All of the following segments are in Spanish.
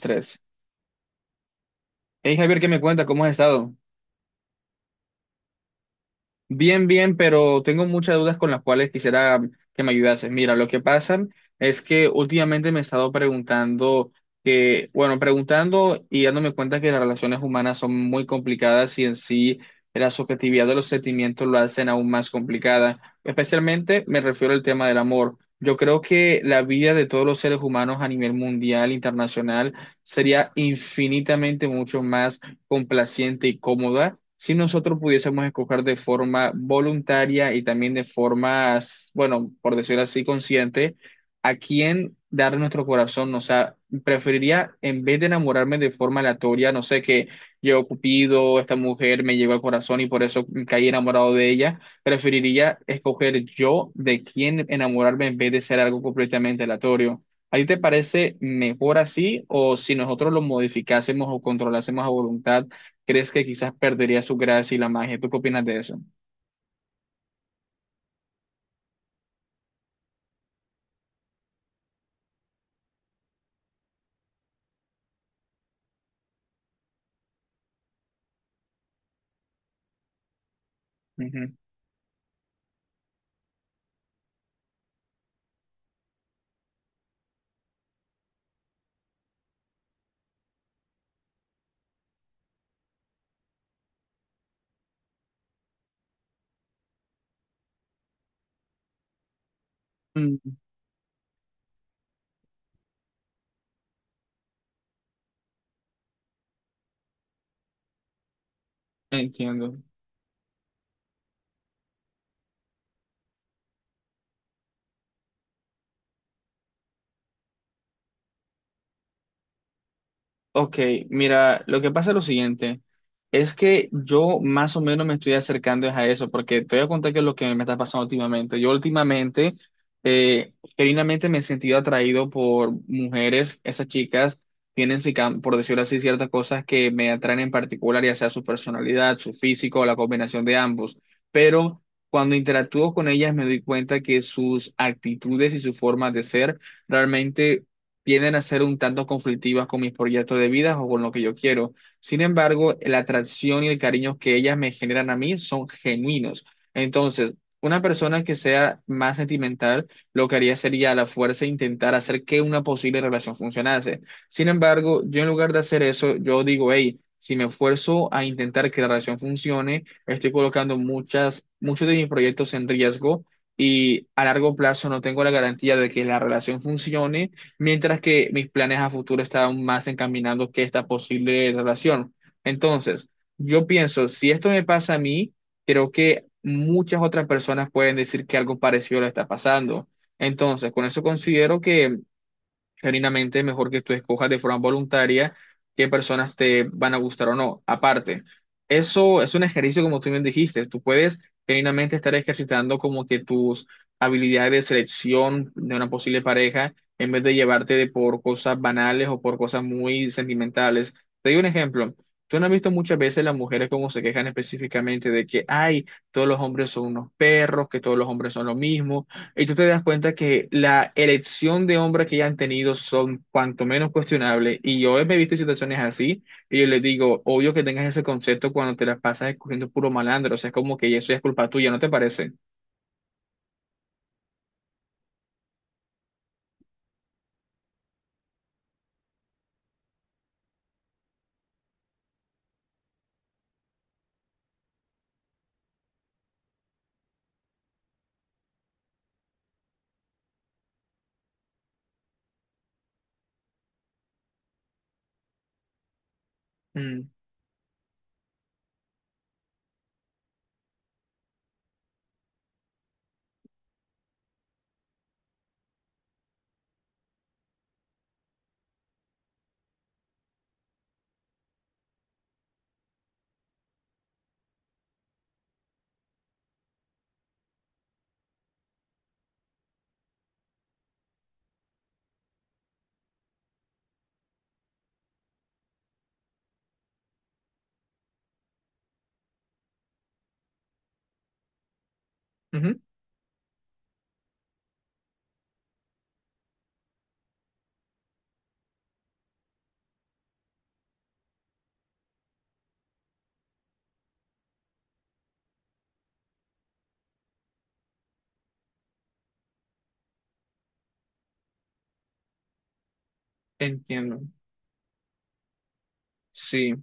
Tres. Hey Javier, ¿qué me cuenta? ¿Cómo has estado? Bien, bien, pero tengo muchas dudas con las cuales quisiera que me ayudases. Mira, lo que pasa es que últimamente me he estado preguntando que, bueno, preguntando y dándome cuenta que las relaciones humanas son muy complicadas y en sí la subjetividad de los sentimientos lo hacen aún más complicada. Especialmente me refiero al tema del amor. Yo creo que la vida de todos los seres humanos a nivel mundial, internacional, sería infinitamente mucho más complaciente y cómoda si nosotros pudiésemos escoger de forma voluntaria y también de forma, bueno, por decirlo así, consciente, a quién dar nuestro corazón. O sea, preferiría, en vez de enamorarme de forma aleatoria, no sé, que llegó Cupido, esta mujer me llegó al corazón y por eso caí enamorado de ella, preferiría escoger yo de quién enamorarme en vez de ser algo completamente aleatorio. ¿Ahí te parece mejor así o si nosotros lo modificásemos o controlásemos a voluntad, crees que quizás perdería su gracia y la magia? ¿Tú qué opinas de eso? Ujú. Mm. Entiendo. Ok, mira, lo que pasa es lo siguiente, es que yo más o menos me estoy acercando es a eso, porque te voy a contar qué es lo que me está pasando últimamente. Yo últimamente, genuinamente me he sentido atraído por mujeres, esas chicas tienen, si cam- por decirlo así, ciertas cosas que me atraen en particular, ya sea su personalidad, su físico o la combinación de ambos, pero cuando interactúo con ellas me doy cuenta que sus actitudes y su forma de ser realmente tienden a ser un tanto conflictivas con mis proyectos de vida o con lo que yo quiero. Sin embargo, la atracción y el cariño que ellas me generan a mí son genuinos. Entonces, una persona que sea más sentimental, lo que haría sería a la fuerza intentar hacer que una posible relación funcionase. Sin embargo, yo en lugar de hacer eso, yo digo, hey, si me esfuerzo a intentar que la relación funcione, estoy colocando muchos de mis proyectos en riesgo. Y a largo plazo no tengo la garantía de que la relación funcione mientras que mis planes a futuro estaban más encaminados que esta posible relación. Entonces, yo pienso, si esto me pasa a mí, creo que muchas otras personas pueden decir que algo parecido le está pasando. Entonces, con eso considero que genuinamente mejor que tú escojas de forma voluntaria qué personas te van a gustar o no. Aparte, eso es un ejercicio como tú bien dijiste, tú puedes genuinamente estar ejercitando como que tus habilidades de selección de una posible pareja en vez de llevarte de por cosas banales o por cosas muy sentimentales. Te doy un ejemplo. Tú no has visto muchas veces las mujeres como se quejan específicamente de que, ay, todos los hombres son unos perros, que todos los hombres son lo mismo, y tú te das cuenta que la elección de hombres que ya han tenido son cuanto menos cuestionables. Y yo me he visto en situaciones así y yo les digo, obvio que tengas ese concepto cuando te las pasas escogiendo puro malandro. O sea, es como que eso ya es culpa tuya, ¿no te parece? Mm, ujú. Entiendo. Sí.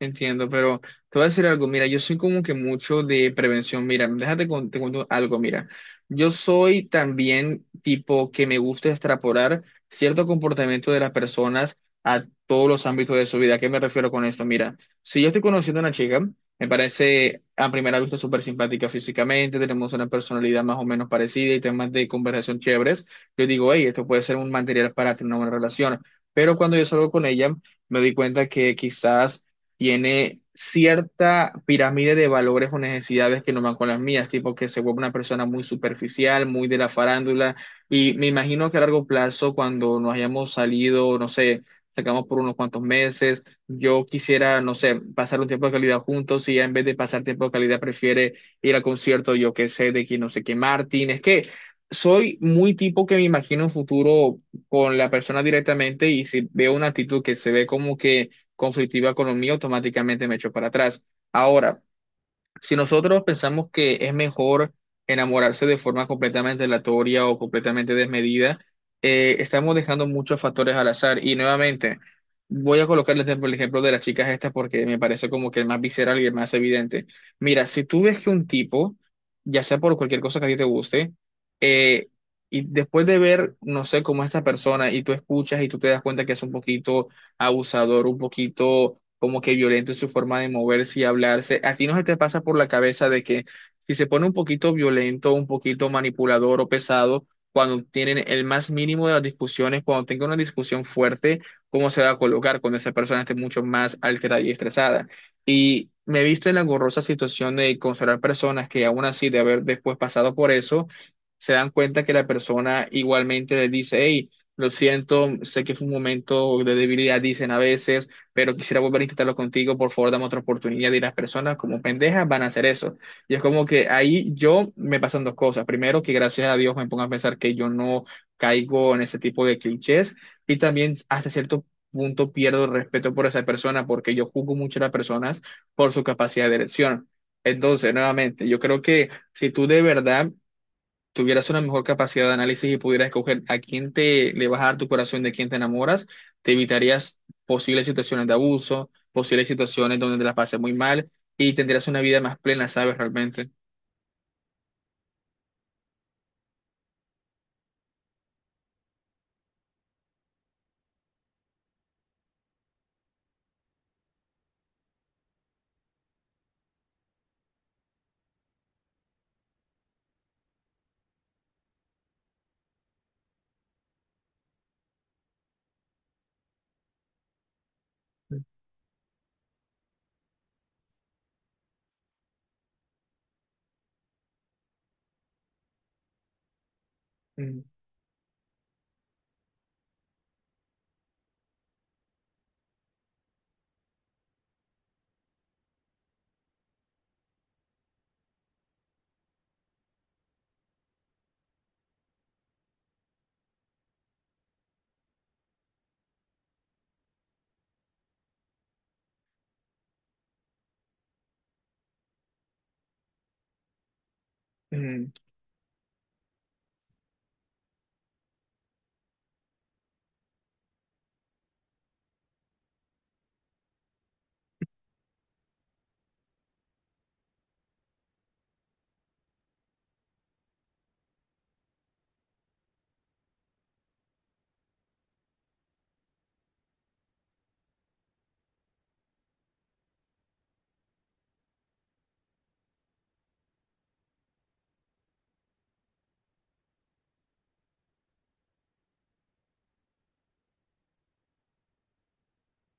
Entiendo, pero te voy a decir algo, mira, yo soy como que mucho de prevención, mira, te cuento algo, mira, yo soy también tipo que me gusta extrapolar cierto comportamiento de las personas a todos los ámbitos de su vida. ¿A qué me refiero con esto? Mira, si yo estoy conociendo a una chica, me parece a primera vista súper simpática físicamente, tenemos una personalidad más o menos parecida y temas de conversación chéveres, yo digo, hey, esto puede ser un material para tener una buena relación, pero cuando yo salgo con ella, me di cuenta que quizás tiene cierta pirámide de valores o necesidades que no van con las mías, tipo que se vuelve una persona muy superficial, muy de la farándula, y me imagino que a largo plazo, cuando nos hayamos salido, no sé, sacamos por unos cuantos meses, yo quisiera, no sé, pasar un tiempo de calidad juntos y ella en vez de pasar tiempo de calidad prefiere ir al concierto, yo qué sé, de quién no sé qué, Martín, es que... Soy muy tipo que me imagino un futuro con la persona directamente y si veo una actitud que se ve como que conflictiva con lo mío, automáticamente me echo para atrás. Ahora, si nosotros pensamos que es mejor enamorarse de forma completamente aleatoria o completamente desmedida, estamos dejando muchos factores al azar. Y nuevamente, voy a colocarles el ejemplo de las chicas estas porque me parece como que el más visceral y el más evidente. Mira, si tú ves que un tipo, ya sea por cualquier cosa que a ti te guste, eh, y después de ver, no sé, cómo esta persona y tú escuchas y tú te das cuenta que es un poquito abusador, un poquito como que violento en su forma de moverse y hablarse. ¿A ti no se te pasa por la cabeza de que si se pone un poquito violento, un poquito manipulador o pesado, cuando tienen el más mínimo de las discusiones, cuando tenga una discusión fuerte, cómo se va a colocar cuando esa persona esté mucho más alterada y estresada? Y me he visto en la gorrosa situación de considerar personas que aún así de haber después pasado por eso, se dan cuenta que la persona igualmente le dice, hey, lo siento, sé que fue un momento de debilidad, dicen a veces, pero quisiera volver a intentarlo contigo. Por favor, dame otra oportunidad. Y las personas, como pendejas, van a hacer eso. Y es como que ahí yo me pasan dos cosas. Primero, que gracias a Dios me pongo a pensar que yo no caigo en ese tipo de clichés. Y también, hasta cierto punto, pierdo el respeto por esa persona, porque yo juzgo mucho a las personas por su capacidad de elección. Entonces, nuevamente, yo creo que si tú de verdad tuvieras una mejor capacidad de análisis y pudieras escoger a quién te le vas a dar tu corazón, de quién te enamoras, te evitarías posibles situaciones de abuso, posibles situaciones donde te las pases muy mal y tendrías una vida más plena, ¿sabes? Realmente. Mm, mm.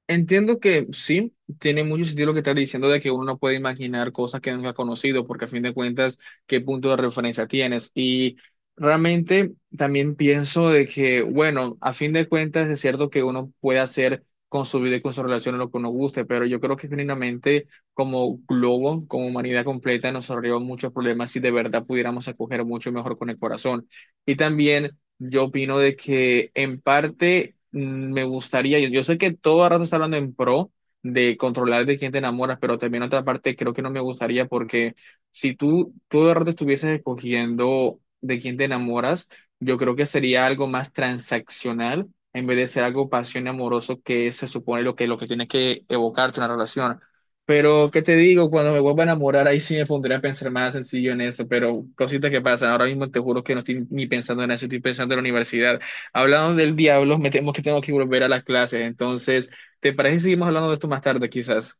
Entiendo que sí, tiene mucho sentido lo que estás diciendo de que uno no puede imaginar cosas que nunca ha conocido, porque a fin de cuentas, ¿qué punto de referencia tienes? Y realmente también pienso de que, bueno, a fin de cuentas es cierto que uno puede hacer con su vida y con su relación lo que uno guste, pero yo creo que genuinamente como globo, como humanidad completa, nos ahorró muchos problemas si de verdad pudiéramos acoger mucho mejor con el corazón. Y también... Yo opino de que en parte, me gustaría, yo sé que todo el rato está hablando en pro de controlar de quién te enamoras, pero también otra parte creo que no me gustaría porque si tú todo el rato estuvieses escogiendo de quién te enamoras, yo creo que sería algo más transaccional en vez de ser algo pasión y amoroso que se supone lo que tiene que evocarte una relación. Pero, ¿qué te digo? Cuando me vuelva a enamorar, ahí sí me pondré a pensar más sencillo en eso, pero cositas que pasan. Ahora mismo te juro que no estoy ni pensando en eso, estoy pensando en la universidad. Hablando del diablo, me temo que tengo que volver a las clases. Entonces, ¿te parece si seguimos hablando de esto más tarde, quizás?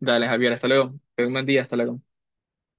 Dale, Javier, hasta luego. Ten un buen día, hasta luego.